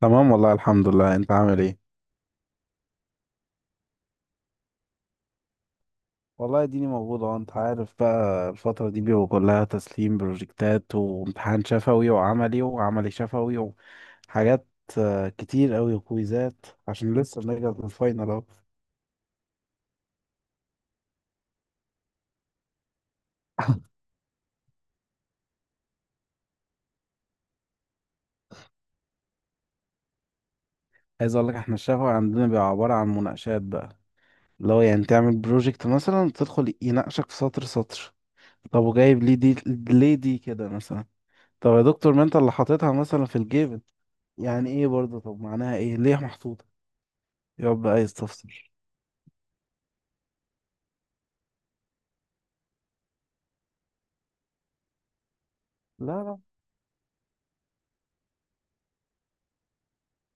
تمام، والله الحمد لله. انت عامل ايه؟ والله اديني موجود اهو. انت عارف بقى الفترة دي بيبقى كلها تسليم بروجكتات وامتحان شفوي وعملي وعملي شفوي وحاجات. آه، كتير قوي وكويزات عشان لسه بنرجع من الفاينل اهو. عايز اقول لك، احنا الشفوي عندنا بيبقى عبارة عن مناقشات بقى، اللي هو يعني تعمل بروجكت مثلا تدخل يناقشك في سطر سطر. طب وجايب ليه دي؟ ليه دي كده مثلا؟ طب يا دكتور ما انت اللي حاططها مثلا في الجيب، يعني ايه برضه؟ طب معناها ايه؟ ليه محطوطة؟ يا رب عايز تفصل. لا لا.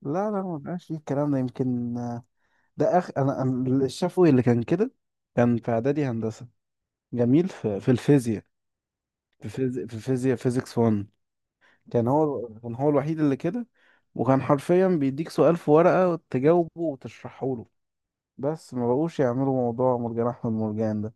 لا لا، ما بقاش فيه الكلام ده يمكن. ده اخ، انا الشافوي اللي كان كده، كان في اعدادي هندسه جميل في الفيزياء. في فيزياء فيزيكس 1. كان هو الوحيد اللي كده، وكان حرفيا بيديك سؤال في ورقه تجاوبه وتشرحه له، بس ما بقوش يعملوا موضوع مرجان احمد مرجان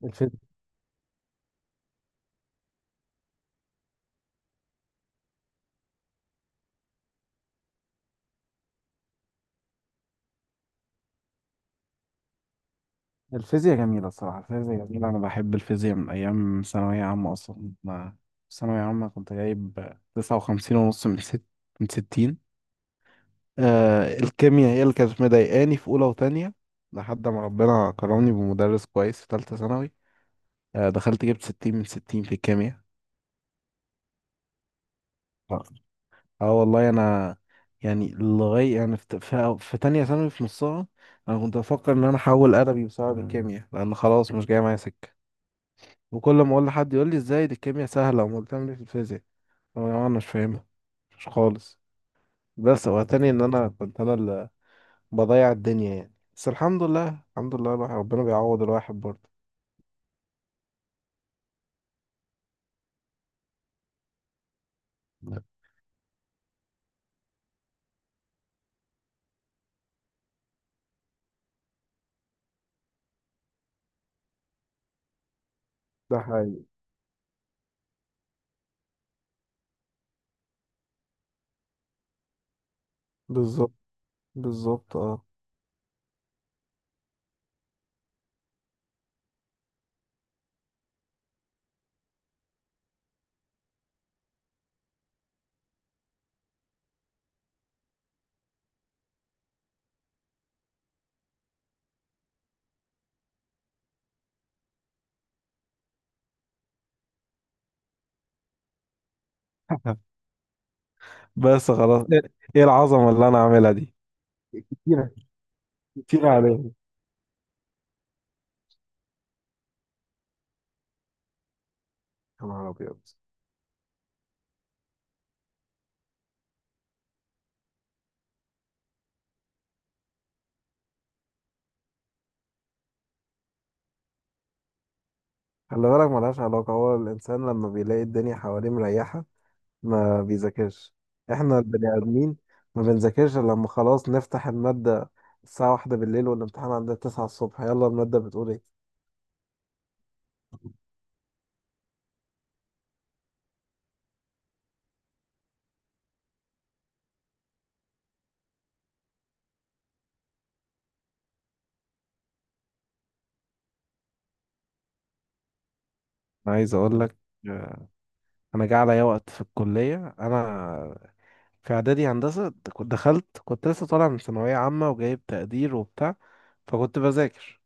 ده. الفيزياء جميلة الصراحة، الفيزياء جميلة. أنا بحب الفيزياء من أيام ثانوية عامة أصلا. ما في ثانوية عامة كنت جايب تسعة وخمسين ونص من ستين. آه، الكيمياء هي اللي كانت مضايقاني في أولى وتانية، لحد ما ربنا كرمني بمدرس كويس في تالتة ثانوي. آه، دخلت جبت ستين من ستين في الكيمياء. اه. آه والله، أنا يعني لغاية يعني في تانية ثانوي في نصها، أنا كنت بفكر إن أنا أحول أدبي بسبب الكيمياء، لأن خلاص مش جاي معايا سكة. وكل ما اقول لحد يقول لي، ازاي دي الكيمياء سهله، امال بتعمل ايه في الفيزياء؟ أقول له انا مش فاهمها، مش خالص. بس هو تاني ان انا كنت انا اللي بضيع الدنيا يعني. بس الحمد لله، الحمد لله، الواحد ربنا بيعوض الواحد برضه. ده حقيقي. بالظبط. بالظبط اه. بس خلاص ايه؟ إيه العظمه اللي انا عاملها دي؟ كتير، كتير عليهم. يا نهار ابيض. خلي بالك ملهاش علاقه، هو الانسان لما بيلاقي الدنيا حواليه مريحه ما بيذاكرش. احنا البني ادمين ما بنذاكرش إلا لما خلاص نفتح المادة الساعة واحدة بالليل والامتحان عندنا تسعة الصبح، يلا المادة بتقول ايه. انا عايز اقول لك، آه، انا جه عليا وقت في الكليه، انا في اعدادي هندسه كنت لسه طالع من ثانويه عامه وجايب تقدير وبتاع، فكنت بذاكر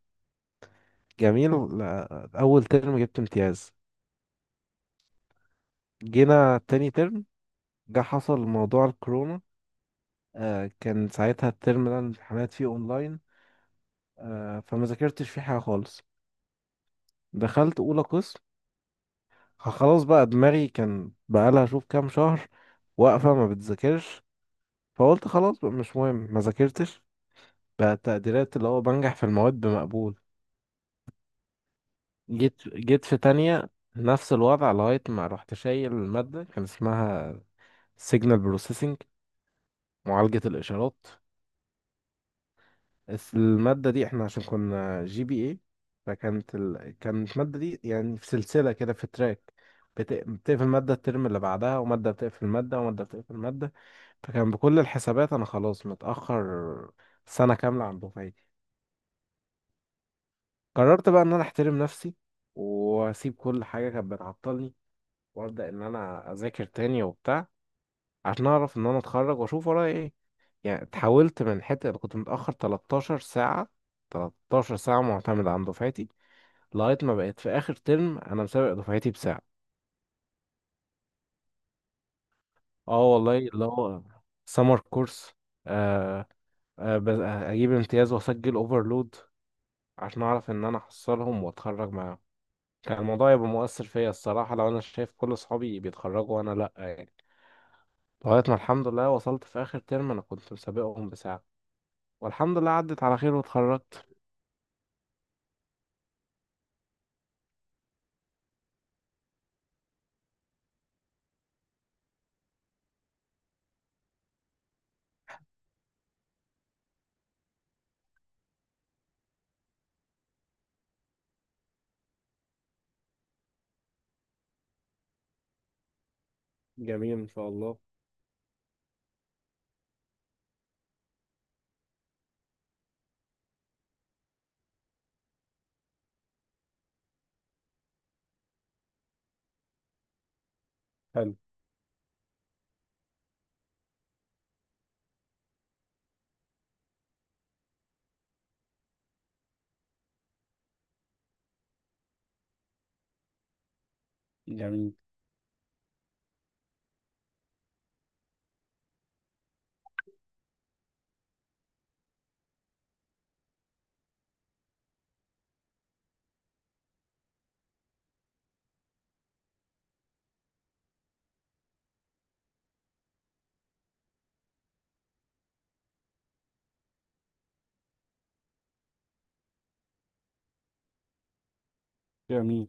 جميل. اول ترم جبت امتياز. جينا تاني ترم، جه حصل موضوع الكورونا. كان ساعتها الترم ده الامتحانات فيه اونلاين. فما ذاكرتش فيه حاجة خالص. دخلت أولى قسم، خلاص بقى دماغي كان بقالها شوف كام شهر واقفة ما بتذاكرش، فقلت خلاص بقى مش مهم. ما ذاكرتش، بقى التقديرات اللي هو بنجح في المواد بمقبول. جيت في تانية نفس الوضع، لغاية ما رحت شايل المادة، كان اسمها سيجنال بروسيسنج، معالجة الإشارات. بس المادة دي احنا عشان كنا جي بي اي، فكانت كانت المادة دي يعني في سلسلة كده، في تراك، بتقفل مادة الترم اللي بعدها، ومادة بتقفل مادة، ومادة بتقفل مادة. فكان بكل الحسابات أنا خلاص متأخر سنة كاملة عن دفعتي. قررت بقى إن أنا أحترم نفسي وأسيب كل حاجة كانت بتعطلني، وأبدأ إن أنا أذاكر تاني وبتاع، عشان أعرف إن أنا أتخرج وأشوف ورايا إيه. يعني اتحولت من حتة اللي كنت متأخر 13 ساعة، 13 ساعة معتمد عن دفعتي، لغاية ما بقيت في آخر ترم أنا مسابق دفعتي بساعة. اه والله، اللي هو سمر كورس. آه أجيب امتياز وأسجل أوفرلود عشان أعرف إن أنا أحصلهم وأتخرج معاهم. كان الموضوع يبقى مؤثر فيا الصراحة لو أنا شايف كل أصحابي بيتخرجوا وأنا لأ يعني. لغاية ما الحمد لله وصلت في آخر ترم أنا كنت مسابقهم بساعة، والحمد لله عدت على خير واتخرجت. جميل. ان شاء الله. حلو. جميل، جميل.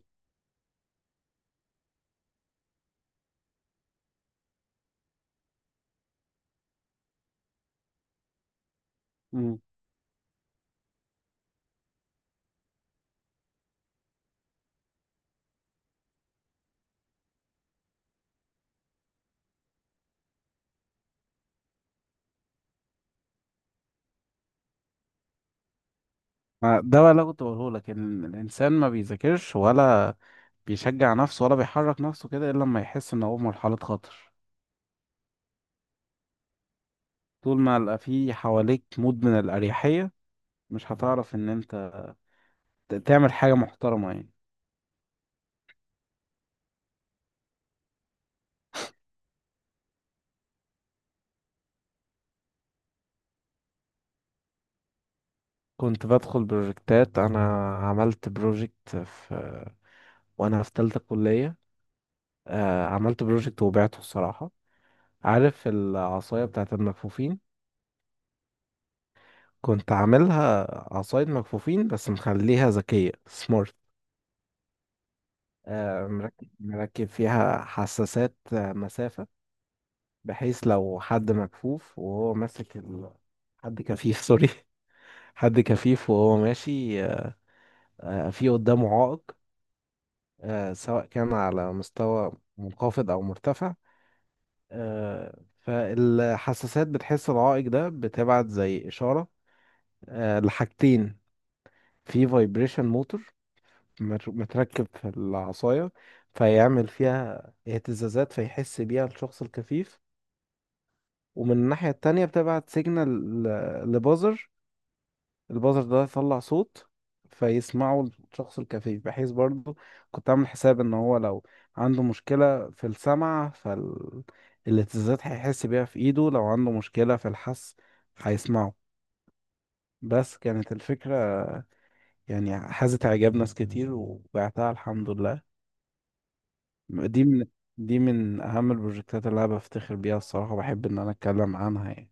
مم. ده بقى اللي أنا كنت بقوله لك، إن الإنسان ما بيذاكرش ولا بيشجع نفسه ولا بيحرك نفسه كده إلا لما يحس إن هو في مرحلة خطر. طول ما يبقى في حواليك مود من الأريحية، مش هتعرف إن أنت تعمل حاجة محترمة يعني. كنت بدخل بروجكتات انا، عملت بروجكت في وانا في تالتة كلية. عملت بروجكت وبعته الصراحة. عارف العصاية بتاعت المكفوفين؟ كنت عاملها عصاية مكفوفين بس مخليها ذكية، سمارت. مركب فيها حساسات، مسافة، بحيث لو حد مكفوف وهو ماسك حد كفيف سوري حد كفيف وهو ماشي في قدامه عائق، سواء كان على مستوى منخفض أو مرتفع، فالحساسات بتحس العائق ده بتبعت زي إشارة لحاجتين. في فايبريشن موتور متركب في العصاية، فيعمل فيها اهتزازات فيحس بيها الشخص الكفيف. ومن الناحية التانية بتبعت سيجنال لبازر، البازر ده يطلع صوت فيسمعه الشخص الكفيف، بحيث برضو كنت عامل حساب ان هو لو عنده مشكلة في السمع فالاهتزازات هيحس بيها في ايده، لو عنده مشكلة في الحس هيسمعه. بس كانت الفكرة يعني حازت اعجاب ناس كتير، وبعتها الحمد لله. دي من دي من اهم البروجكتات اللي انا بفتخر بيها الصراحة وبحب ان انا اتكلم عنها يعني.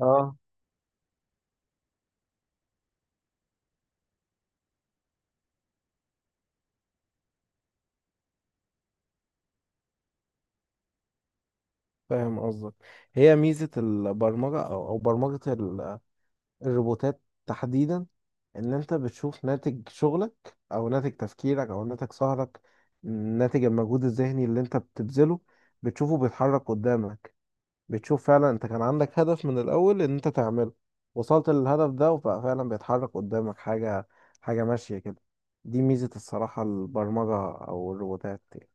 اه، فاهم قصدك. هي ميزة البرمجة أو برمجة الروبوتات تحديدا، ان انت بتشوف ناتج شغلك او ناتج تفكيرك او ناتج سهرك، ناتج المجهود الذهني اللي انت بتبذله، بتشوفه بيتحرك قدامك. بتشوف فعلا انت كان عندك هدف من الاول ان انت تعمله، وصلت للهدف ده وبقى فعلا بيتحرك قدامك حاجة، حاجة ماشية كده. دي ميزة الصراحة البرمجة او الروبوتات يعني.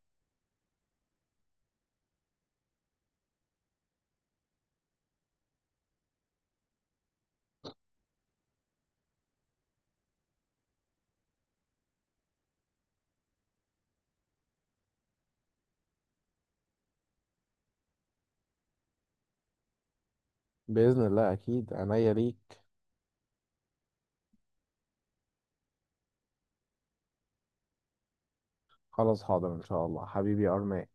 بإذن الله أكيد، عينيا ليك. خلاص حاضر إن شاء الله حبيبي أرمان.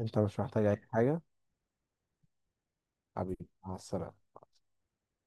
أنت مش محتاج أي حاجة. حبيبي، مع السلامة.